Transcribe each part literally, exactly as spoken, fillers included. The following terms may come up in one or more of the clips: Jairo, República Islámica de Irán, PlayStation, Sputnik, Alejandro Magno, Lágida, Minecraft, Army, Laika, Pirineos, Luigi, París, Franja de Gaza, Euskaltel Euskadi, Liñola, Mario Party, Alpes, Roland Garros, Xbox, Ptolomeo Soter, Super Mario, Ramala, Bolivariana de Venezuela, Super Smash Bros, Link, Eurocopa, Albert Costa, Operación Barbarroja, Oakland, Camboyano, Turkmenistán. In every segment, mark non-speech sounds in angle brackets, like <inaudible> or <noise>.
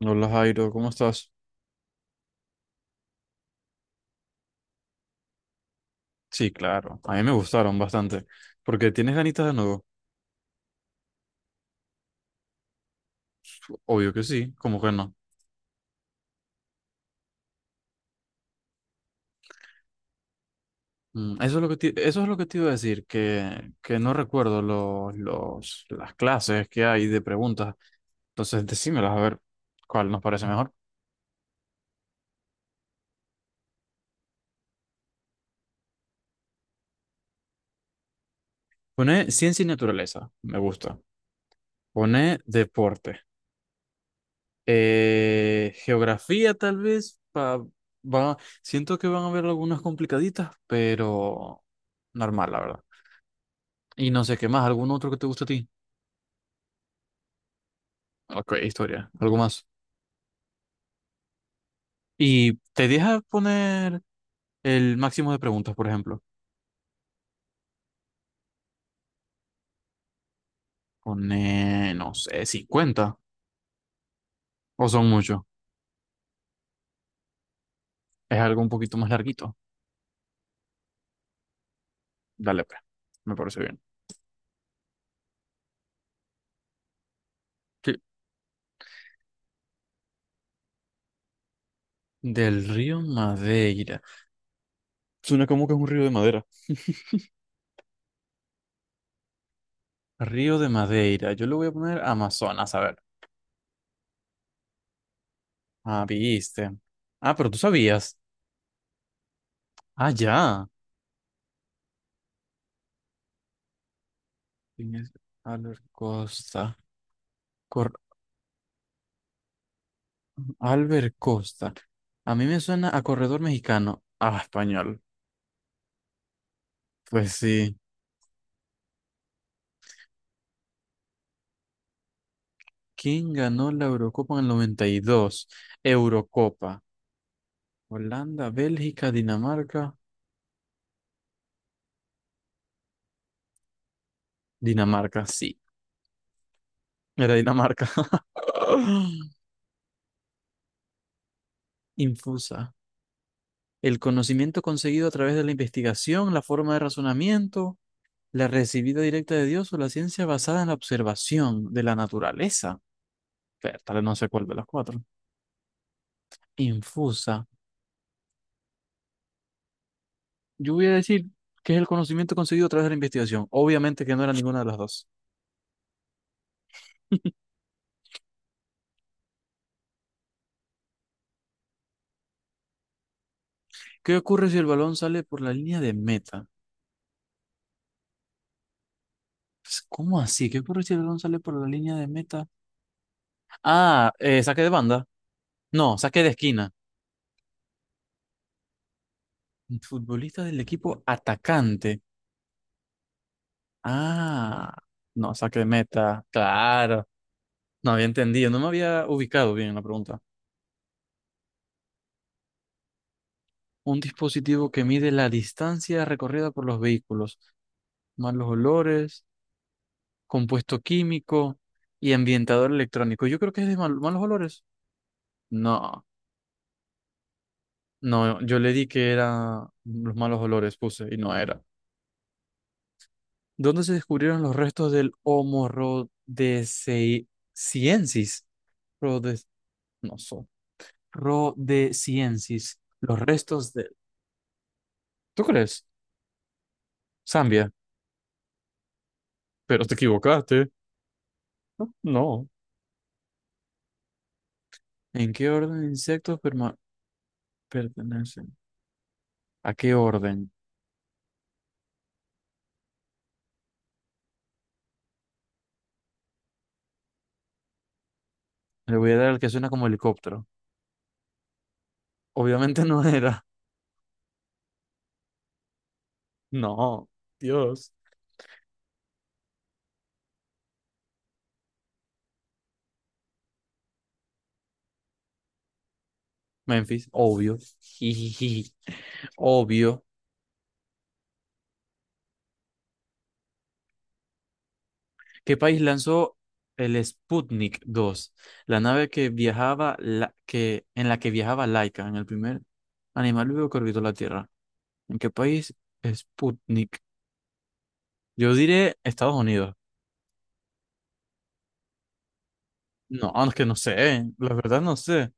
Hola Jairo, ¿cómo estás? Sí, claro, a mí me gustaron bastante. ¿Porque tienes ganitas de nuevo? Obvio que sí, ¿cómo que no? Mm, Eso es lo que te, eso es lo que te iba a decir, que, que no recuerdo los, los, las clases que hay de preguntas. Entonces, decímelas a ver cuál nos parece mejor. Pone ciencia y naturaleza, me gusta. Pone deporte. Eh, geografía tal vez, pa- va, siento que van a haber algunas complicaditas, pero normal, la verdad. Y no sé qué más, algún otro que te guste a ti. Ok, historia, algo más. Y te deja poner el máximo de preguntas, por ejemplo. Pone, no sé, cincuenta o son muchos. Es algo un poquito más larguito. Dale, pues. Me parece bien. Sí. Del río Madeira. Suena como que es un río de madera. <laughs> Río de Madeira. Yo le voy a poner Amazonas, a ver. Ah, viste. Ah, pero tú sabías. Ah, ya. Tienes a la costa. Albert Costa. A mí me suena a corredor mexicano. Ah, español. Pues sí. ¿Quién ganó la Eurocopa en el noventa y dos? Eurocopa. Holanda, Bélgica, Dinamarca. Dinamarca, sí. Era Dinamarca. <laughs> Infusa. El conocimiento conseguido a través de la investigación, la forma de razonamiento, la recibida directa de Dios o la ciencia basada en la observación de la naturaleza. Pero tal vez no sé cuál de las cuatro. Infusa. Yo voy a decir que es el conocimiento conseguido a través de la investigación. Obviamente que no era ninguna de las dos. ¿Qué ocurre si el balón sale por la línea de meta? Pues, ¿cómo así? ¿Qué ocurre si el balón sale por la línea de meta? Ah, eh, saque de banda. No, saque de esquina. Futbolista del equipo atacante. Ah, no, saque de meta. Claro. No había entendido, no me había ubicado bien en la pregunta. Un dispositivo que mide la distancia recorrida por los vehículos, más los olores, compuesto químico y ambientador electrónico. Yo creo que es de mal- malos olores. No, no, yo le di que era los malos olores, puse, y no era. ¿Dónde se descubrieron los restos del Homo rhodesiensis? Rhodes, no so, rhodesiensis. Los restos de. ¿Tú crees? Zambia, pero te equivocaste. No, no. ¿En qué orden de insectos perma- pertenecen? ¿A qué orden? Le voy a dar el que suena como helicóptero. Obviamente <laughs> no era. No, Dios. Memphis, obvio. <laughs> Jijiji, obvio. ¿Qué país lanzó el Sputnik dos? La nave que viajaba, la, que, en la que viajaba Laika, en el primer animal vivo que orbitó la Tierra. ¿En qué país? Sputnik. Yo diré Estados Unidos. No, es que no sé. La verdad no sé.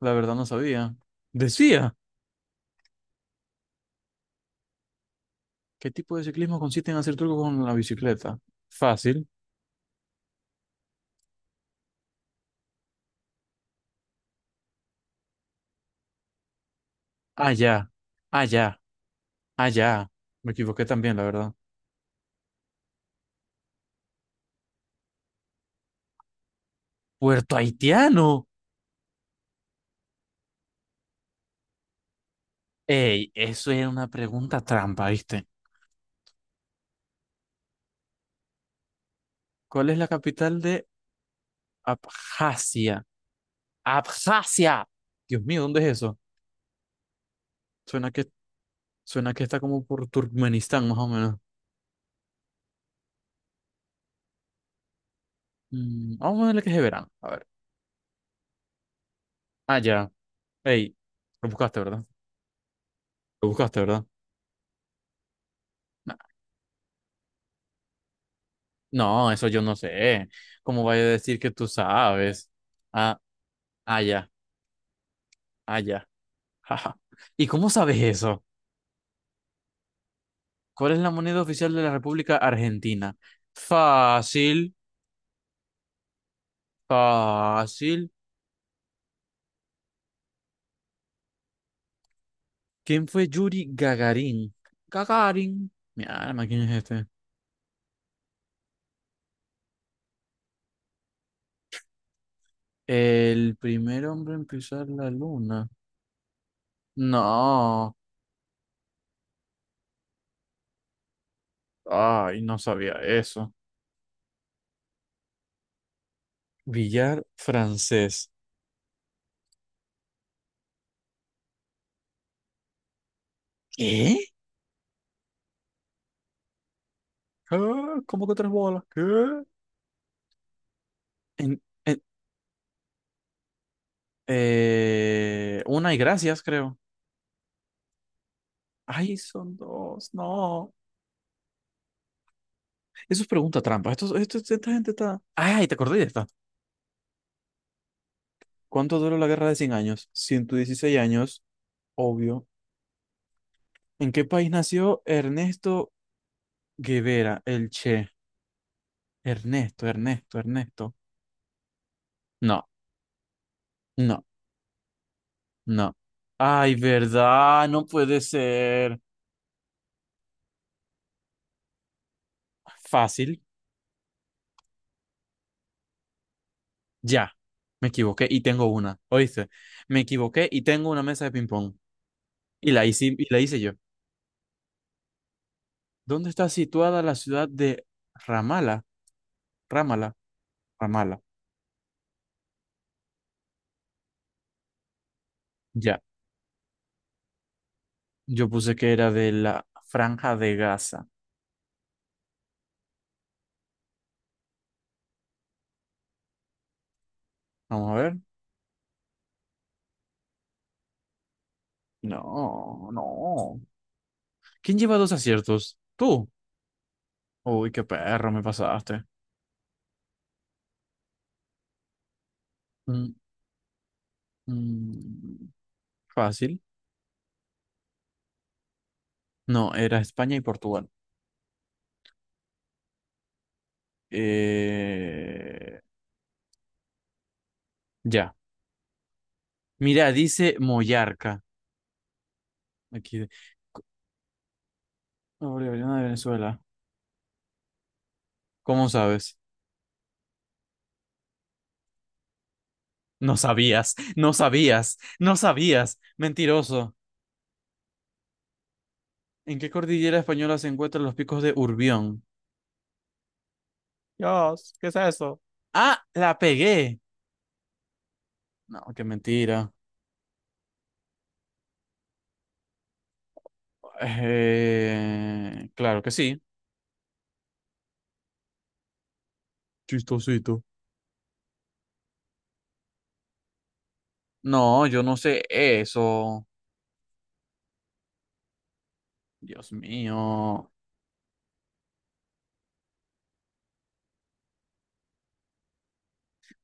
La verdad no sabía. Decía, ¿qué tipo de ciclismo consiste en hacer trucos con la bicicleta? Fácil. Allá. Allá. Ah, ya. Me equivoqué también, la verdad. Puerto Haitiano. Ey, eso era una pregunta trampa, ¿viste? ¿Cuál es la capital de Abjasia? ¡Abjasia! Dios mío, ¿dónde es eso? Suena que, suena que está como por Turkmenistán, más o menos. Mm, vamos a ver que es de verano. A ver. Ah, ya. Ey, lo buscaste, ¿verdad? Lo buscaste, ¿verdad? Nah. No, eso yo no sé. ¿Cómo vaya a decir que tú sabes? Ah, ah, ya. Ah, ya. <laughs> Jaja. ¿Y cómo sabes eso? ¿Cuál es la moneda oficial de la República Argentina? Fácil, fácil. ¿Quién fue Yuri Gagarin? Gagarin. Mi alma, ¿quién es este? El primer hombre en pisar la luna. No. Ay, no sabía eso. Billar francés. ¿Qué? ¿Qué? ¿Cómo que tres bolas? ¿Qué? En, en- eh, una y gracias, creo. Ay, son dos. No. Eso es pregunta trampa. Esto, esto- esta gente está. ¡Ay! Te acordé de esta. ¿Cuánto duró la guerra de cien años? Ciento dieciséis años, obvio. ¿En qué país nació Ernesto Guevara, el Che? Ernesto, Ernesto, Ernesto. No, no, no. ¡Ay, verdad! No puede ser. Fácil. Ya. Me equivoqué y tengo una. ¿Oíste? Me equivoqué y tengo una mesa de ping-pong. Y la hice, y la hice yo. ¿Dónde está situada la ciudad de Ramala? Ramala, Ramala. Ya, yo puse que era de la Franja de Gaza. Vamos a ver. No, no. ¿Quién lleva dos aciertos? ¿Tú? Uy, qué perro me pasaste. Mm, mm, Fácil. No, era España y Portugal. Eh, ya. Mira, dice Mollarca. Aquí. de- Co- Bolivariana de Venezuela. ¿Cómo sabes? No sabías, no sabías, no sabías. Mentiroso. ¿En qué cordillera española se encuentran los picos de Urbión? Dios, ¿qué es eso? Ah, la pegué. No, qué mentira. Eh, claro que sí. Chistosito. No, yo no sé eso. Dios mío.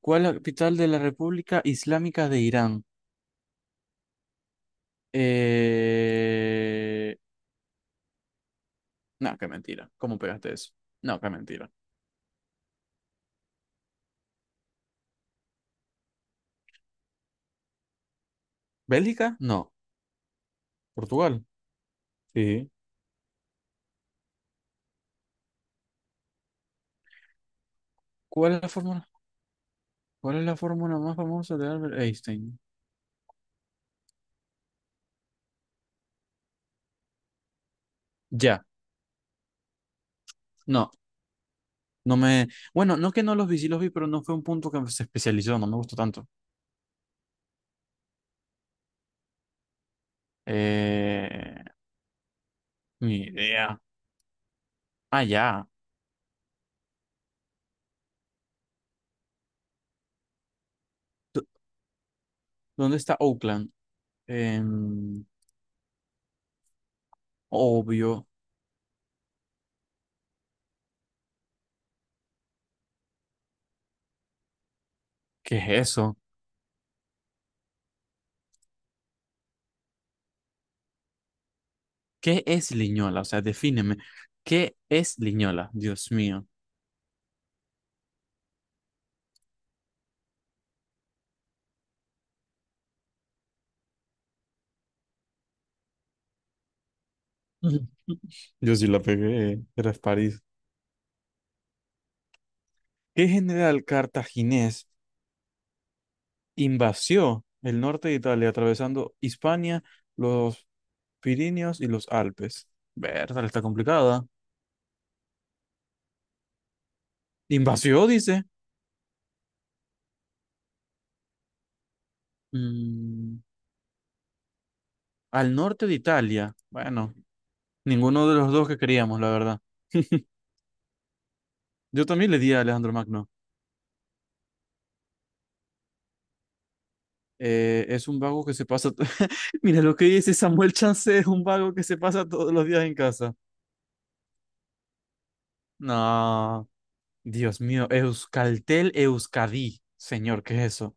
¿Cuál es la capital de la República Islámica de Irán? Eh... No, qué mentira. ¿Cómo pegaste eso? No, qué mentira. ¿Bélgica? No. ¿Portugal? Sí. ¿Cuál es la fórmula? ¿Cuál es la fórmula más famosa de Albert Einstein? Ya. No. No me, bueno, no que no los vi, sí los vi, pero no fue un punto que se especializó, no me gustó tanto. Eh, ni idea. Ah, ya. ¿Dó- ¿Dónde está Oakland? Em, obvio. ¿Qué es eso? ¿Qué es Liñola? O sea, defíneme. ¿Qué es Liñola? Dios mío. <laughs> Yo sí la pegué, era París. ¿Qué general cartaginés invasió el norte de Italia, atravesando Hispania, los Pirineos y los Alpes? Verdad, está complicada. Invasión, dice. Mm, al norte de Italia. Bueno, ninguno de los dos que queríamos, la verdad. <laughs> Yo también le di a Alejandro Magno. Eh, es un vago que se pasa. to- <laughs> Mira lo que dice Samuel Chance, es un vago que se pasa todos los días en casa. No, Dios mío, Euskaltel Euskadi. Señor, ¿qué es eso?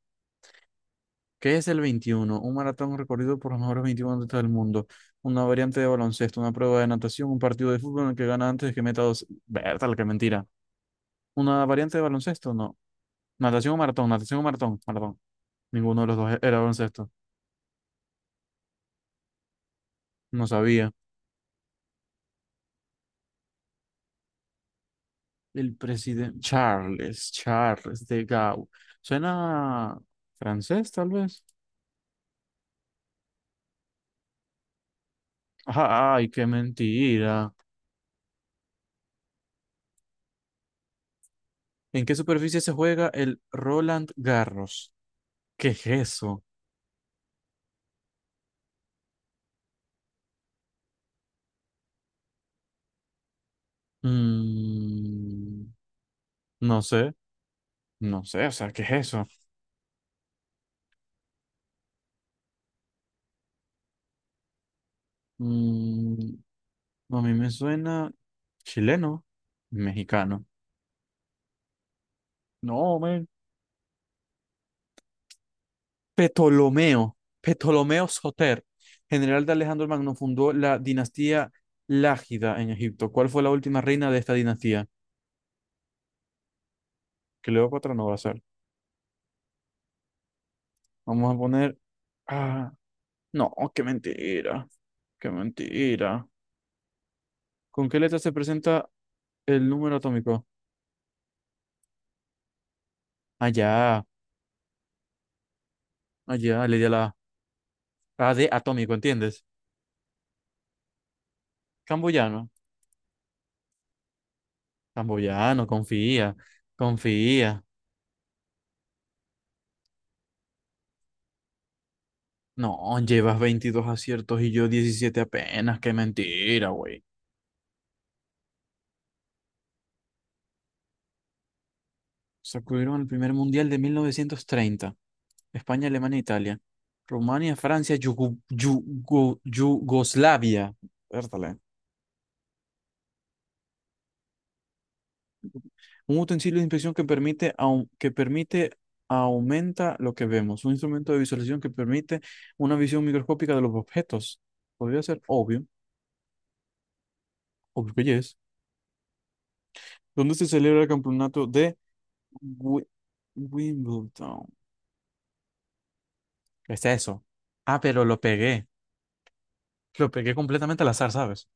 ¿Qué es el veintiuno? Un maratón recorrido por los mejores veintiún atletas del mundo. Una variante de baloncesto, una prueba de natación, un partido de fútbol en el que gana antes de que meta dos. Bertal, qué mentira. ¿Una variante de baloncesto? No. Natación o maratón, natación o maratón, maratón. Ninguno de los dos e-, era baloncesto. No sabía. El presidente Charles, Charles de Gaulle. Suena francés, tal vez. Ajá, ay, qué mentira. ¿En qué superficie se juega el Roland Garros? ¿Qué es eso? Mm, no sé, no sé, o sea, ¿qué es eso? Mm, a mí me suena chileno, mexicano. No, men. Ptolomeo, Ptolomeo Soter, general de Alejandro el Magno, fundó la dinastía Lágida en Egipto. ¿Cuál fue la última reina de esta dinastía? Que Cleopatra no va a ser. Vamos a poner. Ah, no, qué mentira, qué mentira. ¿Con qué letra se presenta el número atómico? Allá, allá, le di a la A. Ah, de atómico, ¿entiendes? Camboyano. Camboyano, confía, confía. No, llevas veintidós aciertos y yo diecisiete apenas. Qué mentira, güey. Sacudieron el primer mundial de mil novecientos treinta. España, Alemania, Italia. Rumania, Francia, Yugu- Yugo- Yugoslavia. Vértale. Un utensilio de inspección que permite, au- que permite, aumenta lo que vemos. Un instrumento de visualización que permite una visión microscópica de los objetos. Podría ser obvio, obvio que yes. ¿Dónde se celebra el campeonato de Wi- Wimbledon? ¿Qué es eso? Ah, pero lo pegué. Lo pegué completamente al azar, ¿sabes?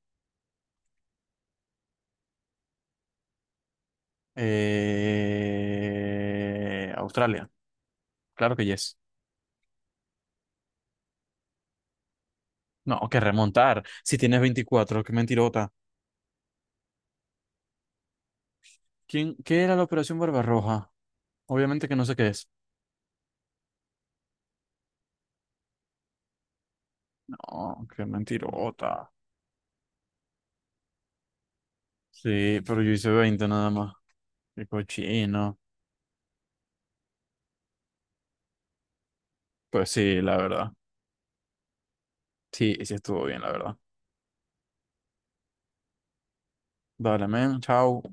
Eh... Australia. Claro que yes. No, que remontar. Si tienes veinticuatro, qué mentirota. ¿Quién, qué era la Operación Barbarroja? Obviamente que no sé qué es. No, qué mentirota. Sí, pero yo hice veinte nada más. Qué cochino. Pues sí, la verdad. Sí, sí estuvo bien, la verdad. Dale, men. Chao.